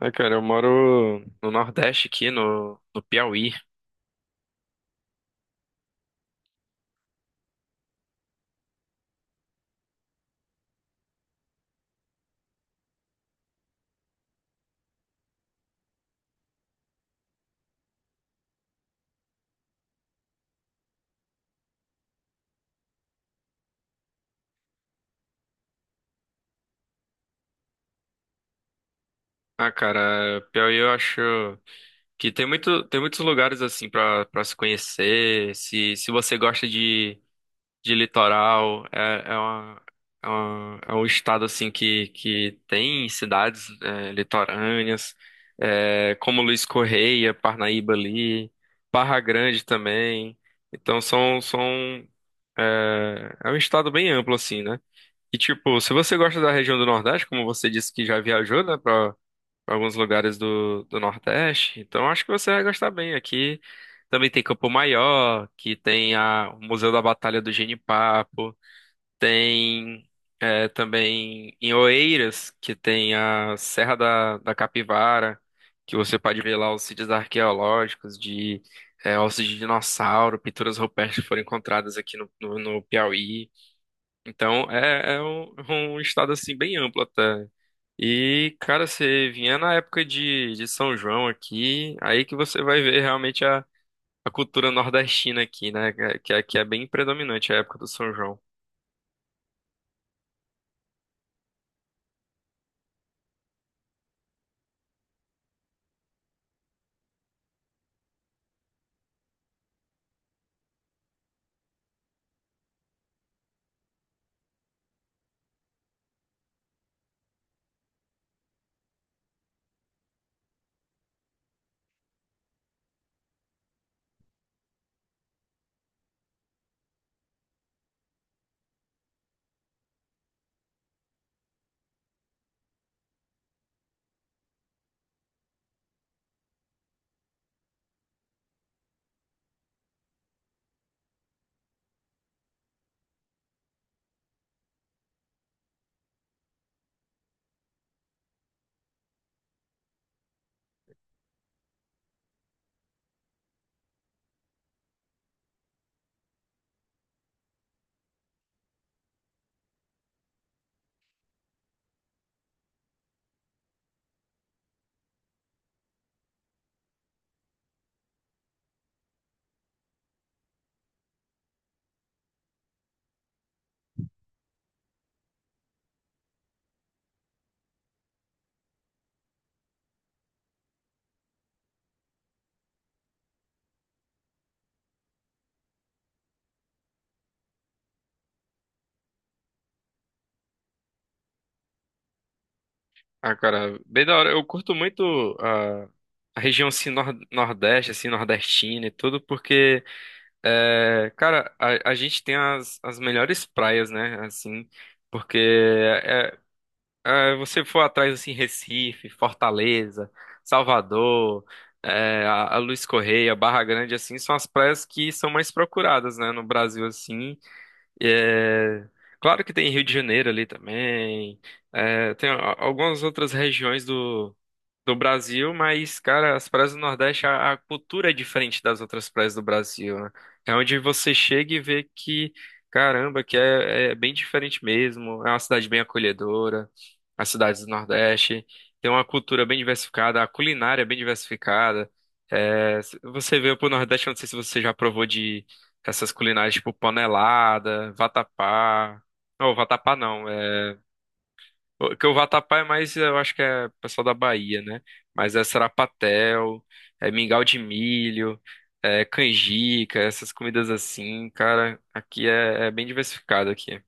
Ah, cara, eu moro no Nordeste aqui, no Piauí. Ah, cara, Piauí eu acho que tem muitos lugares assim pra para se conhecer. Se você gosta de litoral, é uma, é uma- é um estado assim que tem cidades litorâneas, como Luiz Correia, Parnaíba ali, Barra Grande também. Então são, é um estado bem amplo assim, né? E tipo, se você gosta da região do Nordeste, como você disse que já viajou, né, para alguns lugares do Nordeste, então acho que você vai gostar bem. Aqui também tem Campo Maior, que tem o Museu da Batalha do Genipapo, tem também em Oeiras, que tem a Serra da Capivara, que você pode ver lá os sítios arqueológicos de ossos de dinossauro, pinturas rupestres que foram encontradas aqui no Piauí. Então, é um, um estado assim bem amplo até. E, cara, você vier na época de São João aqui, aí que você vai ver realmente a cultura nordestina aqui, né? Que é bem predominante a época do São João. Ah, cara, bem da hora. Eu curto muito a região assim, nordeste, assim, nordestina e tudo, porque, é, cara, a gente tem as, as melhores praias, né? Assim, porque é, você for atrás assim, Recife, Fortaleza, Salvador, a Luiz Correia, Barra Grande, assim, são as praias que são mais procuradas, né, no Brasil, assim. É, claro que tem Rio de Janeiro ali também, tem algumas outras regiões do Brasil, mas, cara, as praias do Nordeste, a cultura é diferente das outras praias do Brasil, né? É onde você chega e vê que, caramba, que é bem diferente mesmo. É uma cidade bem acolhedora, as cidades do Nordeste. Tem uma cultura bem diversificada, a culinária é bem diversificada. É, se você veio pro Nordeste, eu não sei se você já provou de essas culinárias tipo panelada, vatapá. Não, vatapá não. Que o vatapá é mais, eu acho que é pessoal da Bahia, né? Mas é sarapatel, é mingau de milho, é canjica, essas comidas assim, cara, aqui é bem diversificado aqui.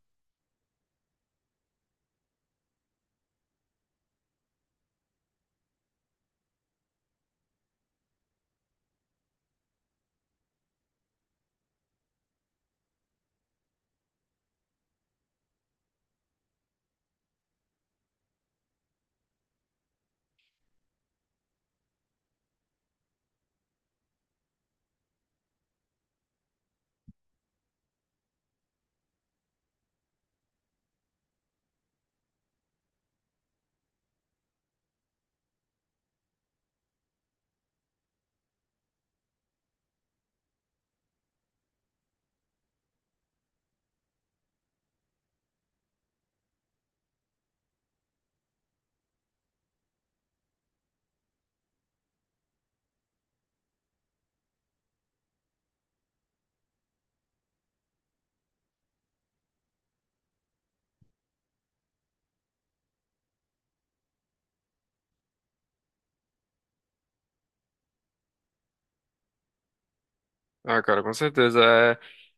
Ah, cara, com certeza.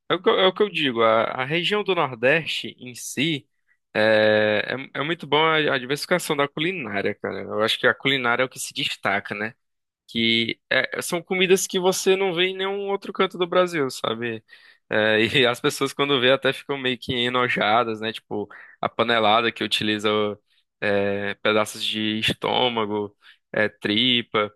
É, é o que, eu é o que eu digo, a região do Nordeste em si é muito bom a diversificação da culinária, cara. Eu acho que a culinária é o que se destaca, né? Que é, são comidas que você não vê em nenhum outro canto do Brasil, sabe? É, e as pessoas quando vê até ficam meio que enojadas, né? Tipo, a panelada que utiliza pedaços de estômago, tripa,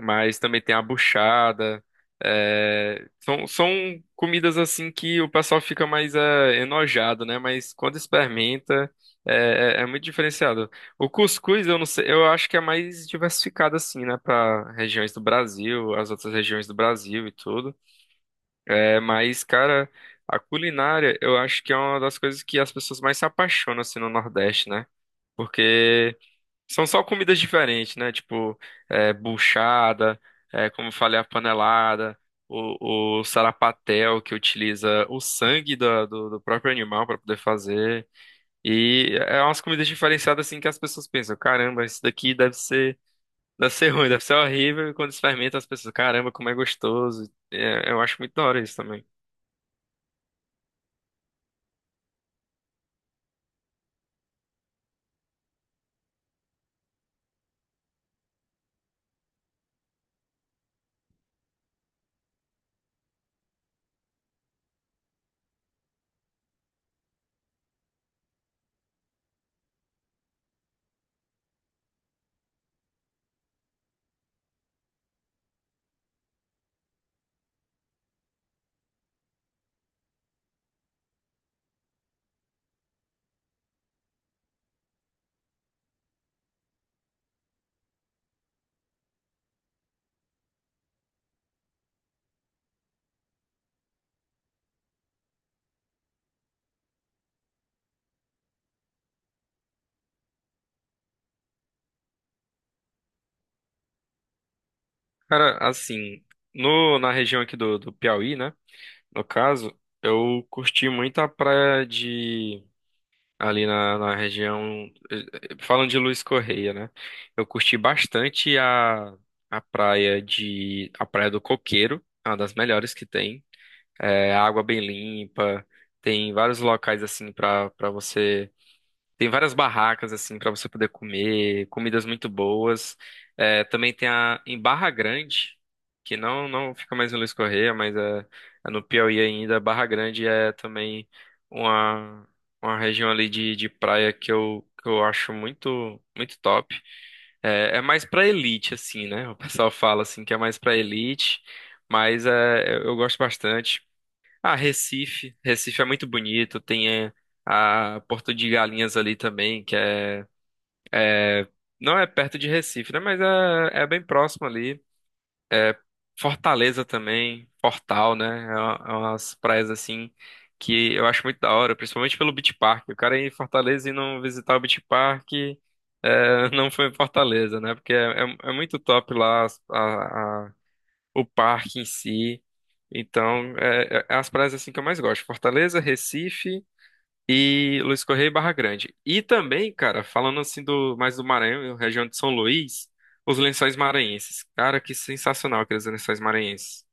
mas também tem a buchada. São comidas assim que o pessoal fica mais enojado, né? Mas quando experimenta, é muito diferenciado. O cuscuz, eu não sei, eu acho que é mais diversificado assim, né? Para regiões do Brasil, as outras regiões do Brasil e tudo. É, mas, cara, a culinária, eu acho que é uma das coisas que as pessoas mais se apaixonam assim no Nordeste, né? Porque são só comidas diferentes, né? Tipo, buchada, como eu falei, a panelada, o sarapatel, que utiliza o sangue do próprio animal para poder fazer. E é umas comidas diferenciadas, assim, que as pessoas pensam: caramba, isso daqui deve ser ruim, deve ser horrível. E quando se fermenta, as pessoas: caramba, como é gostoso. É, eu acho muito da hora isso também. Cara, assim, no, na região aqui do Piauí, né? No caso, eu curti muito a praia de. Ali na região. Falando de Luiz Correia, né? Eu curti bastante a praia de a Praia do Coqueiro, é uma das melhores que tem. É, água bem limpa, tem vários locais assim para você. Tem várias barracas assim para você poder comer, comidas muito boas. É, também tem a em Barra Grande, que não fica mais em Luiz Correia, mas é, é no Piauí ainda. Barra Grande é também uma uma região ali de praia que eu acho muito top. É, é mais pra elite assim, né? O pessoal fala assim que é mais pra elite, mas é, eu gosto bastante. Ah, Recife. Recife é muito bonito. Tem a Porto de Galinhas ali também, que é- não é perto de Recife, né? Mas é, é bem próximo ali. Fortaleza também, Fortal, né? É, é umas praias assim que eu acho muito da hora, principalmente pelo Beach Park. O cara ir em Fortaleza e não visitar o Beach Park, não foi em Fortaleza, né? Porque é muito top lá o parque em si. Então, é as praias assim que eu mais gosto. Fortaleza, Recife. E Luiz Correia e Barra Grande. E também, cara, falando assim do mais do Maranhão, região de São Luís, os Lençóis Maranhenses. Cara, que sensacional aqueles Lençóis Maranhenses.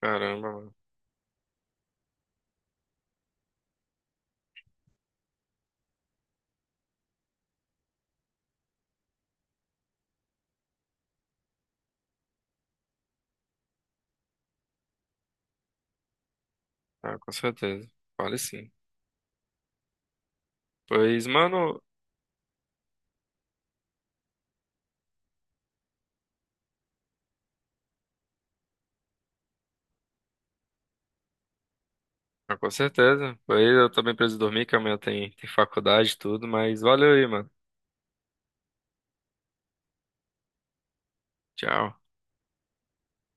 Caramba, mano. Ah, com certeza. Vale sim. Pois, mano, ah, com certeza. Pois eu também preciso dormir, que amanhã tem faculdade e tudo, mas valeu aí, mano. Tchau.